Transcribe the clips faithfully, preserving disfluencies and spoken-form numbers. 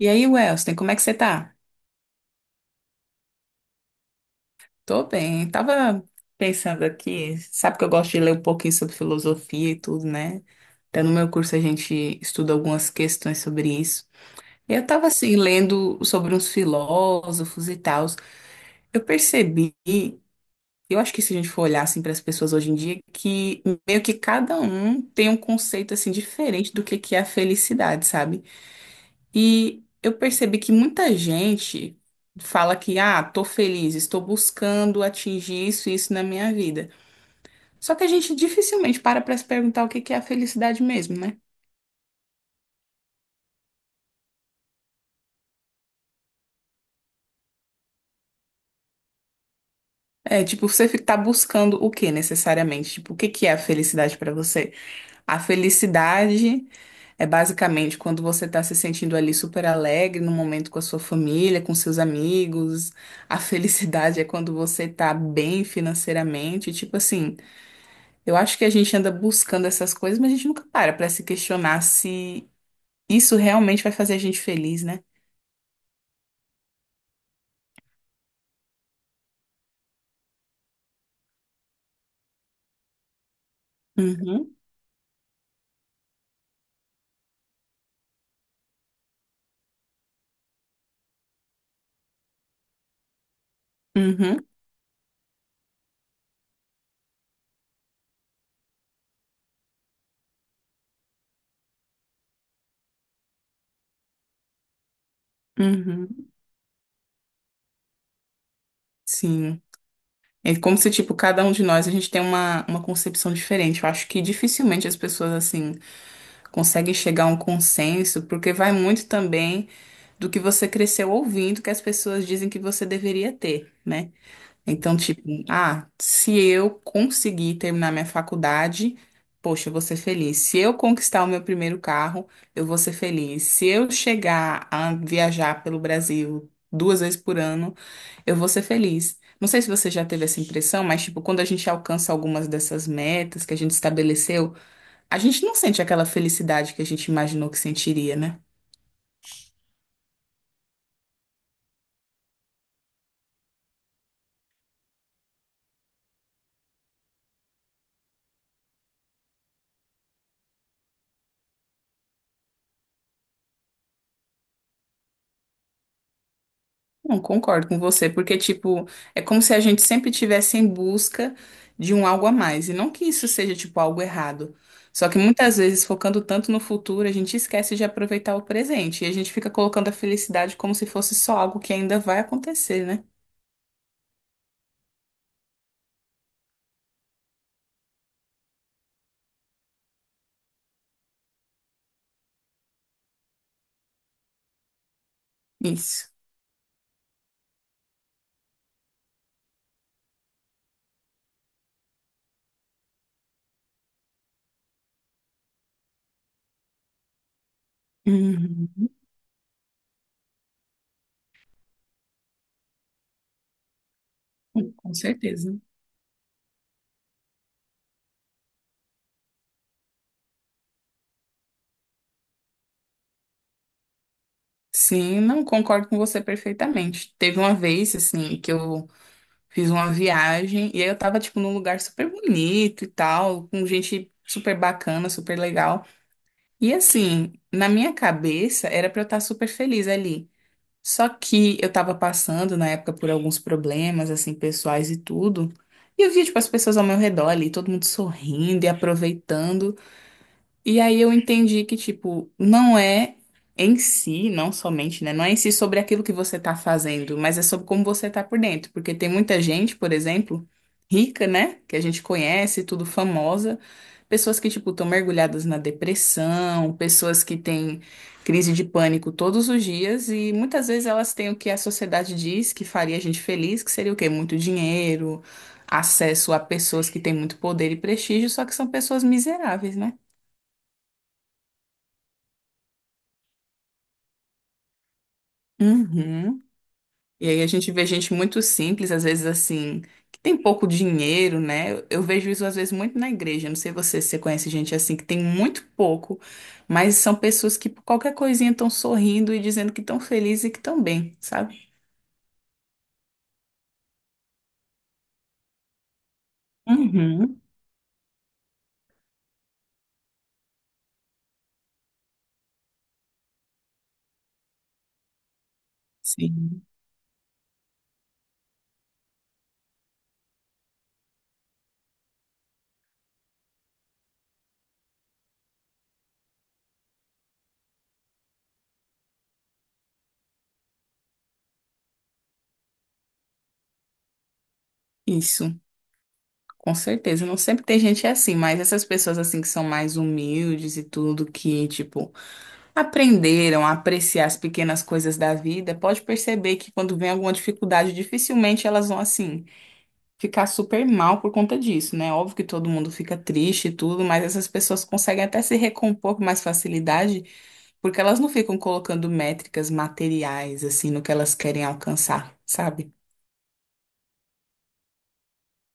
E aí, Welston, como é que você tá? Tô bem. Tava pensando aqui, sabe que eu gosto de ler um pouquinho sobre filosofia e tudo, né? Até no meu curso a gente estuda algumas questões sobre isso. E Eu tava assim, lendo sobre uns filósofos e tal. Eu percebi, eu acho que se a gente for olhar assim para as pessoas hoje em dia, que meio que cada um tem um conceito assim diferente do que que é a felicidade, sabe? E eu percebi que muita gente fala que, ah, tô feliz, estou buscando atingir isso e isso na minha vida. Só que a gente dificilmente para para se perguntar o que que é a felicidade mesmo, né? É, tipo, você fi- tá buscando o que necessariamente? Tipo, o que que é a felicidade para você? A felicidade é basicamente quando você tá se sentindo ali super alegre no momento com a sua família, com seus amigos. A felicidade é quando você tá bem financeiramente, tipo assim, eu acho que a gente anda buscando essas coisas, mas a gente nunca para para se questionar se isso realmente vai fazer a gente feliz, né? Uhum, uhum, uhum. Sim. É como se, tipo, cada um de nós, a gente tem uma, uma concepção diferente. Eu acho que dificilmente as pessoas, assim, conseguem chegar a um consenso, porque vai muito também do que você cresceu ouvindo que as pessoas dizem que você deveria ter, né? Então, tipo, ah, se eu conseguir terminar minha faculdade, poxa, eu vou ser feliz. Se eu conquistar o meu primeiro carro, eu vou ser feliz. Se eu chegar a viajar pelo Brasil duas vezes por ano, eu vou ser feliz. Não sei se você já teve essa impressão, mas, tipo, quando a gente alcança algumas dessas metas que a gente estabeleceu, a gente não sente aquela felicidade que a gente imaginou que sentiria, né? Não, concordo com você, porque, tipo, é como se a gente sempre estivesse em busca de um algo a mais. E não que isso seja, tipo, algo errado. Só que muitas vezes, focando tanto no futuro, a gente esquece de aproveitar o presente. E a gente fica colocando a felicidade como se fosse só algo que ainda vai acontecer, né? Isso. Uhum. Com certeza. Sim, não concordo com você perfeitamente. Teve uma vez, assim, que eu fiz uma viagem e aí eu tava, tipo, num lugar super bonito e tal, com gente super bacana, super legal. E assim, na minha cabeça era pra eu estar super feliz ali. Só que eu tava passando na época por alguns problemas, assim, pessoais e tudo. E eu via, tipo, as pessoas ao meu redor ali, todo mundo sorrindo e aproveitando. E aí eu entendi que, tipo, não é em si, não somente, né? Não é em si sobre aquilo que você tá fazendo, mas é sobre como você tá por dentro. Porque tem muita gente, por exemplo, rica, né? Que a gente conhece, tudo famosa. Pessoas que, tipo, estão mergulhadas na depressão, pessoas que têm crise de pânico todos os dias, e muitas vezes elas têm o que a sociedade diz que faria a gente feliz, que seria o quê? Muito dinheiro, acesso a pessoas que têm muito poder e prestígio, só que são pessoas miseráveis, né? Uhum. E aí a gente vê gente muito simples, às vezes assim, que tem pouco dinheiro, né? Eu eu vejo isso às vezes muito na igreja. Não sei você se você conhece gente assim que tem muito pouco, mas são pessoas que por qualquer coisinha estão sorrindo e dizendo que estão felizes e que estão bem, sabe? Uhum. Sim, isso, com certeza. Não sempre tem gente assim, mas essas pessoas assim que são mais humildes e tudo, que tipo aprenderam a apreciar as pequenas coisas da vida, pode perceber que quando vem alguma dificuldade, dificilmente elas vão assim ficar super mal por conta disso, né? Óbvio que todo mundo fica triste e tudo, mas essas pessoas conseguem até se recompor com mais facilidade, porque elas não ficam colocando métricas materiais assim no que elas querem alcançar, sabe?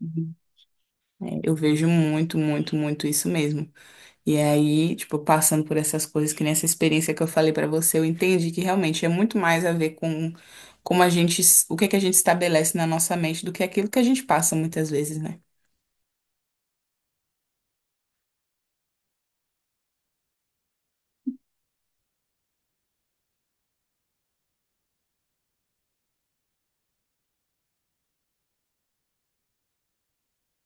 Uhum. É, eu vejo muito, muito, muito isso mesmo. E aí, tipo, passando por essas coisas, que nessa experiência que eu falei pra você, eu entendi que realmente é muito mais a ver com como a gente, o que é que a gente estabelece na nossa mente do que aquilo que a gente passa muitas vezes, né?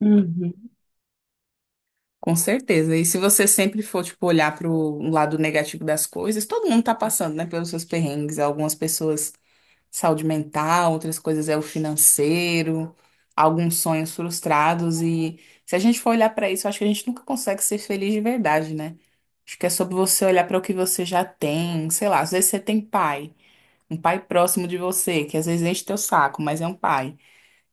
Uhum. Com certeza. E se você sempre for, tipo, olhar pro lado negativo das coisas, todo mundo tá passando, né, pelos seus perrengues. Algumas pessoas saúde mental, outras coisas é o financeiro, alguns sonhos frustrados. E se a gente for olhar para isso, eu acho que a gente nunca consegue ser feliz de verdade, né? Acho que é sobre você olhar para o que você já tem, sei lá, às vezes você tem pai, um pai próximo de você, que às vezes enche teu saco, mas é um pai.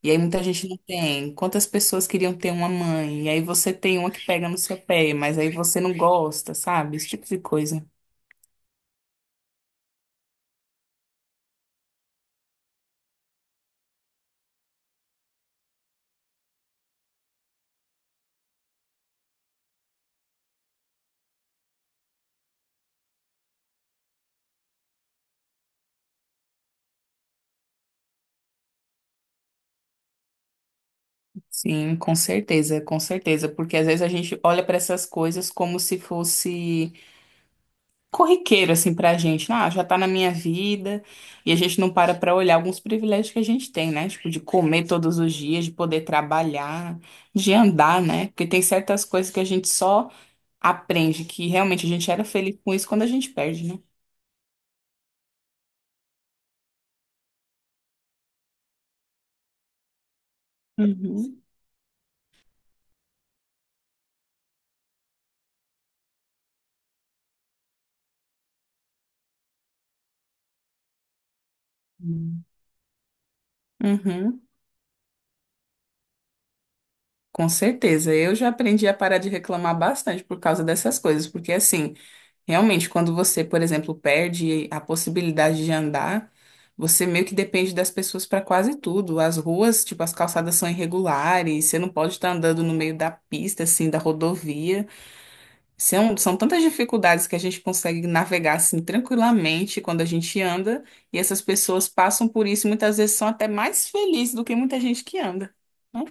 E aí muita gente não tem. Quantas pessoas queriam ter uma mãe? E aí você tem uma que pega no seu pé, mas aí você não gosta, sabe? Esse tipo de coisa. Sim, com certeza, com certeza, porque às vezes a gente olha para essas coisas como se fosse corriqueiro assim pra gente, né, ah, já tá na minha vida, e a gente não para pra olhar alguns privilégios que a gente tem, né? Tipo de comer todos os dias, de poder trabalhar, de andar, né? Porque tem certas coisas que a gente só aprende que realmente a gente era feliz com isso quando a gente perde, né? Uhum. Hum. Uhum, com certeza. Eu já aprendi a parar de reclamar bastante por causa dessas coisas, porque assim, realmente, quando você, por exemplo, perde a possibilidade de andar, você meio que depende das pessoas para quase tudo. As ruas, tipo, as calçadas são irregulares, você não pode estar andando no meio da pista, assim, da rodovia. São, são tantas dificuldades que a gente consegue navegar, assim, tranquilamente quando a gente anda, e essas pessoas passam por isso e muitas vezes são até mais felizes do que muita gente que anda. Não,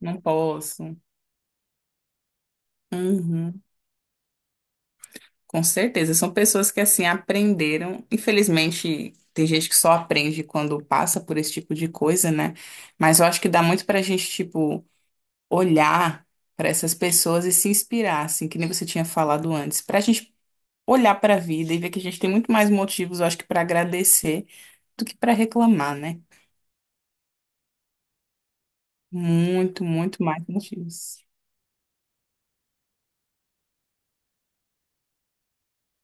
não posso. Uhum. Com certeza, são pessoas que assim aprenderam. Infelizmente, tem gente que só aprende quando passa por esse tipo de coisa, né? Mas eu acho que dá muito pra gente, tipo, olhar pra essas pessoas e se inspirar, assim, que nem você tinha falado antes, pra gente olhar pra vida e ver que a gente tem muito mais motivos, eu acho que pra agradecer do que pra reclamar, né? Muito, muito mais motivos.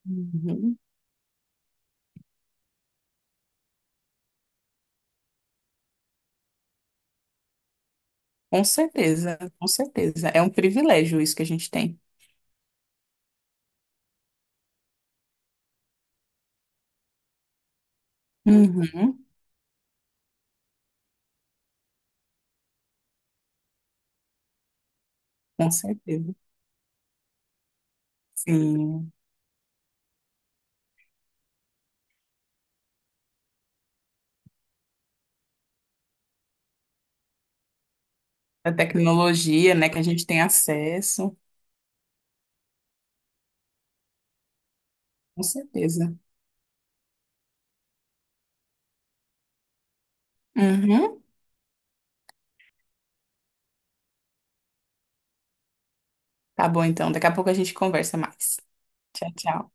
Uhum. Com certeza, com certeza. É um privilégio isso que a gente tem. Uhum, com certeza. Sim. Da tecnologia, né, que a gente tem acesso, com certeza. Uhum. Tá bom, então. Daqui a pouco a gente conversa mais. Tchau, tchau.